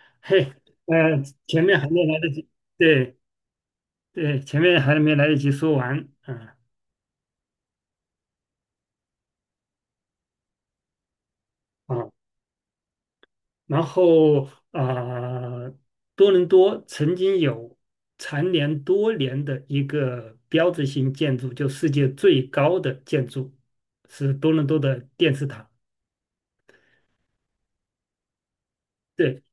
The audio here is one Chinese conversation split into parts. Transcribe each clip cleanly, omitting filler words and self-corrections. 嘿，前面还没来得及，对对，前面还没来得及说完，啊，然后啊，多伦多曾经有蝉联多年的一个标志性建筑，就世界最高的建筑是多伦多的电视塔。对。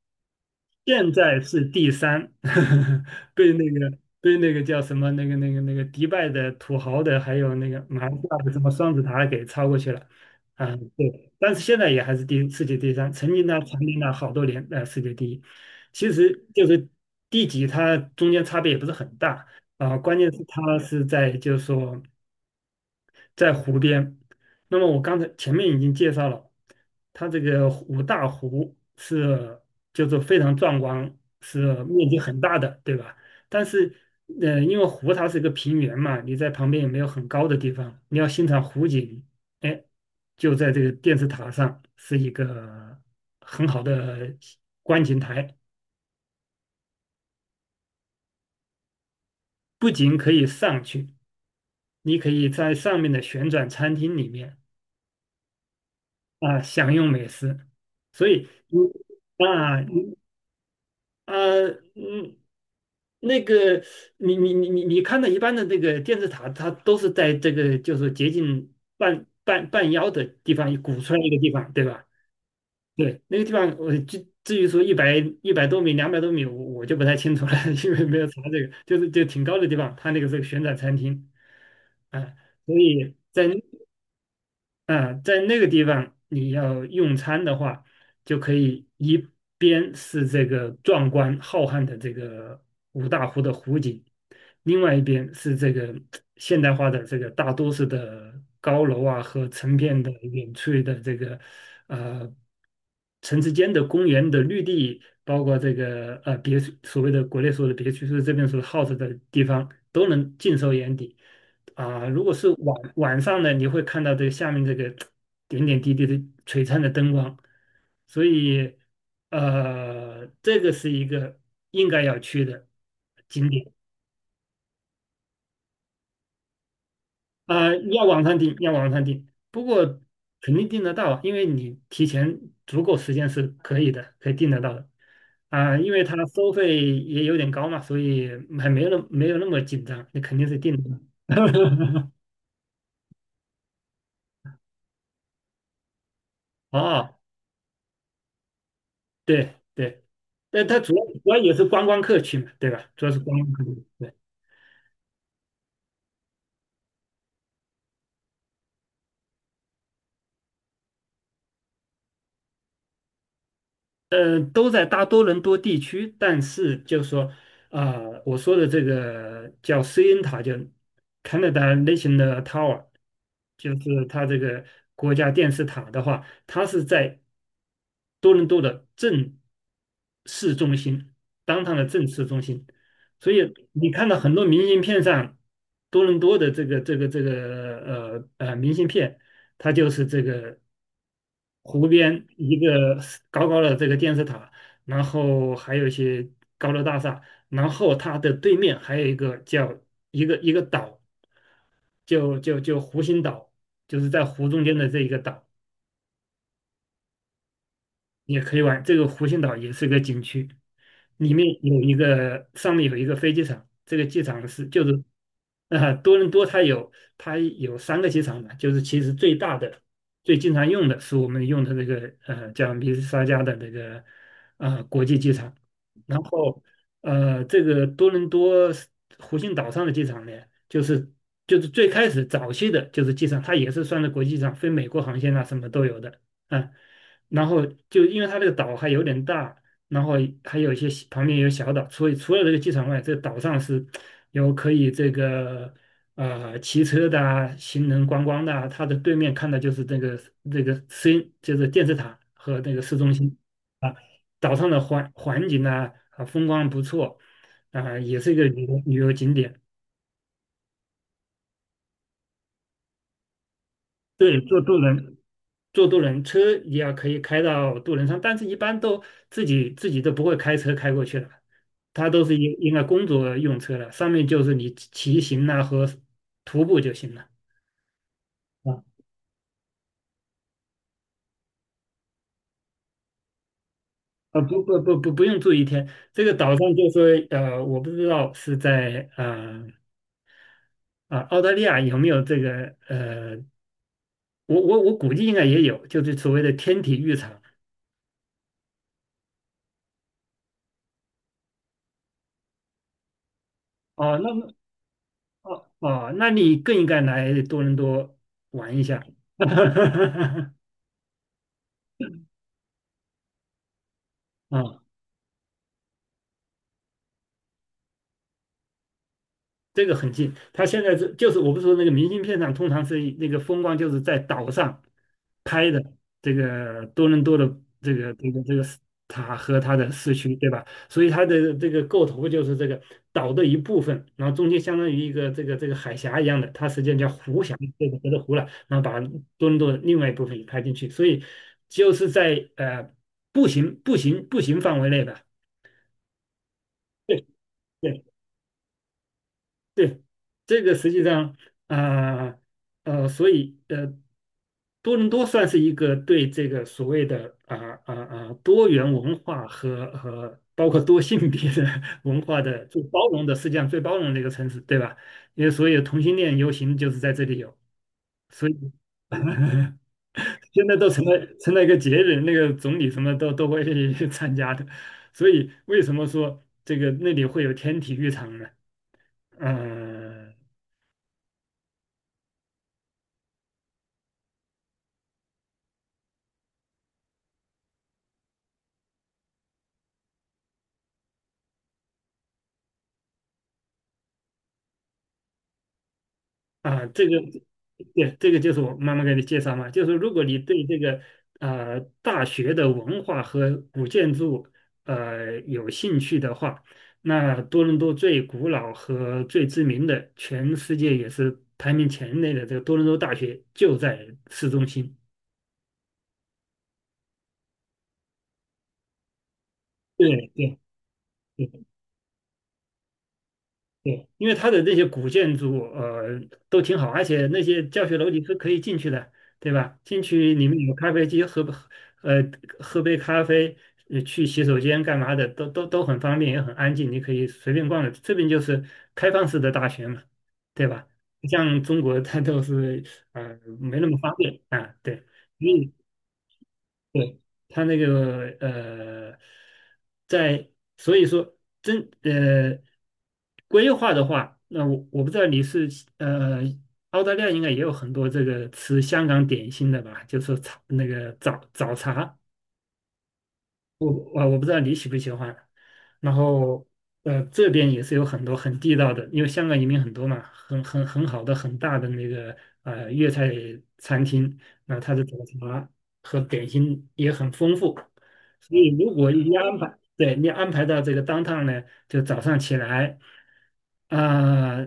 现在是第三，被那个叫什么那个迪拜的土豪的，还有那个马来西亚的什么双子塔给超过去了，对，但是现在也还是世界第三，曾经呢蝉联了好多年世界第一，其实就是第几它中间差别也不是很大。关键是它是在就是说，在湖边。那么我刚才前面已经介绍了，它这个五大湖是就是非常壮观，是面积很大的，对吧？但是，因为湖它是一个平原嘛，你在旁边也没有很高的地方，你要欣赏湖景，哎，就在这个电视塔上是一个很好的观景台，不仅可以上去，你可以在上面的旋转餐厅里面。啊，享用美食，所以你啊，你啊，嗯，那个，你你你你你看到一般的这个电视塔，它都是在这个就是接近半腰的地方鼓出来一个地方，对吧？对，那个地方我至于说一百多米、200多米，我就不太清楚了，因为没有查这个，就挺高的地方，它那个是个旋转餐厅。啊，所以。在。啊，在那个地方你要用餐的话，就可以一边是这个壮观浩瀚的这个五大湖的湖景，另外一边是这个现代化的这个大都市的高楼啊和成片的远处的这个呃城市间的公园的绿地，包括这个别墅，所谓的国内说的别墅，就是这边所 house 的地方都能尽收眼底。如果是晚上呢，你会看到这个下面这个点点滴滴的璀璨的灯光，所以这个是一个应该要去的景点。要网上订，要网上订，不过肯定订得到啊，因为你提前足够时间是可以的，可以订得到的啊，因为它收费也有点高嘛，所以还没有没有那么紧张，你肯定是订得到。哦，对对。但他主要也是观光客去嘛，对吧？主要是观光客去，对。都在大多伦多地区，但是就是说，啊，我说的这个叫 CN 塔，就 Canada National Tower，就是它这个国家电视塔的话，它是在多伦多的正市中心，当趟的正市中心，所以你看到很多明信片上，多伦多的这个明信片，它就是这个：湖边一个高高的这个电视塔，然后还有一些高楼大厦，然后它的对面还有一个叫一个岛，就湖心岛，就是在湖中间的这一个岛，也可以玩。这个湖心岛也是个景区。里面有一个上面有一个飞机场，这个机场是就是，多伦多它有三个机场嘛，就是其实最大的、最经常用的是我们用的这个叫米斯沙加的那个国际机场，然后这个多伦多湖心岛上的机场呢，就是最开始早期的就是机场，它也是算是国际上飞美国航线啊什么都有的。啊。然后就因为它这个岛还有点大，然后还有一些小旁边有小岛，所以除了这个机场外，这个岛上是有可以这个骑车的啊、行人观光的啊。它的对面看的就是这个市，就是电视塔和那个市中心啊。岛上的环境风光不错啊，也是一个旅游景点。对，坐渡轮车也要可以开到渡轮上，但是一般都自己都不会开车开过去了，他都是应该工作用车了，上面就是你骑行呐、和徒步就行了。啊不用住一天，这个岛上就说我不知道是在澳大利亚有没有这个我估计应该也有，就是所谓的天体浴场。哦，那么哦那你更应该来多伦多玩一下。啊，这个很近。他现在是就是我不是说那个明信片上通常是那个风光就是在岛上拍的，这个多伦多的这个塔和它的市区，对吧？所以它的这个构图就是这个岛的一部分，然后中间相当于一个这个海峡一样的，它实际上叫湖峡，这个隔着湖了，然后把多伦多的另外一部分也拍进去，所以就是在步行范围内吧。对。对对，这个实际上啊呃，呃所以呃，多伦多算是一个对这个所谓的多元文化和包括多性别的 文化的最包容的，世界上最包容的一个城市，对吧？因为所有同性恋游行就是在这里有，所以现在都成了一个节日，那个总理什么都会去 参加的。所以为什么说这个那里会有天体育场呢？嗯、啊，这个，对，就是我妈妈给你介绍嘛，就是如果你对这个大学的文化和古建筑有兴趣的话，那多伦多最古老和最知名的、全世界也是排名前列的这个多伦多大学就在市中心。对对对。对，因为它的这些古建筑，都挺好，而且那些教学楼你是可以进去的，对吧？进去里面有咖啡机，呃，喝杯咖啡，去洗手间干嘛的，都很方便，也很安静，你可以随便逛的。这边就是开放式的大学嘛，对吧？不像中国它都是，没那么方便啊，对。因为。对，他那个呃，在所以说真呃规划的话，那我不知道你是呃澳大利亚应该也有很多这个吃香港点心的吧，就是说茶那个早早茶，我不知道你喜不喜欢，然后这边也是有很多很地道的，因为香港移民很多嘛，很好的很大的那个粤菜餐厅，那它的早茶和点心也很丰富，所以如果一安排。对你安排到这个当趟呢，就早上起来，啊、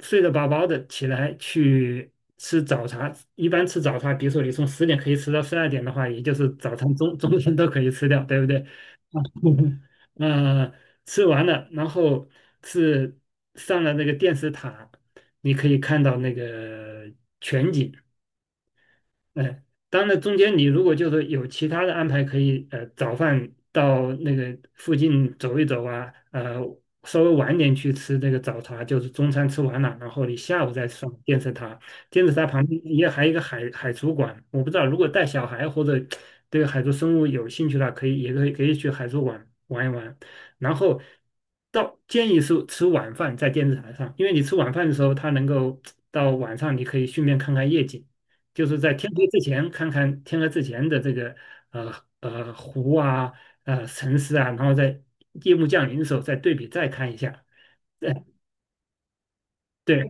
睡得饱饱的起来去吃早茶。一般吃早茶，比如说你从10点可以吃到12点的话，也就是早餐中餐都可以吃掉，对不对？呃，吃完了，然后是上了那个电视塔，你可以看到那个全景。哎，当然中间你如果就是有其他的安排，可以早饭到那个附近走一走啊，稍微晚点去吃这个早茶，就是中餐吃完了，然后你下午再上电视塔，电视塔旁边也还有一个海族馆，我不知道如果带小孩或者对海族生物有兴趣的话，可以也可以可以去海族馆玩一玩，然后建议是吃晚饭在电视台上，因为你吃晚饭的时候，它能够到晚上你可以顺便看看夜景。就是在天黑之前看看天黑之前的这个呃湖啊城市啊，然后在夜幕降临的时候再对比再看一下。对对，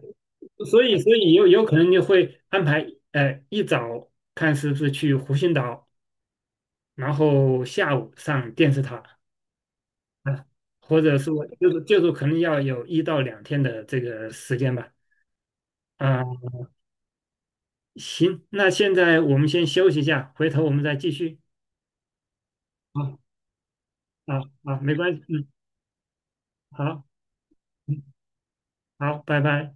所以有可能就会安排一早看是不是去湖心岛，然后下午上电视塔啊，或者说就是可能要有1到2天的这个时间吧。啊，行，那现在我们先休息一下，回头我们再继续。啊啊没关系，嗯，好。嗯。好，拜拜。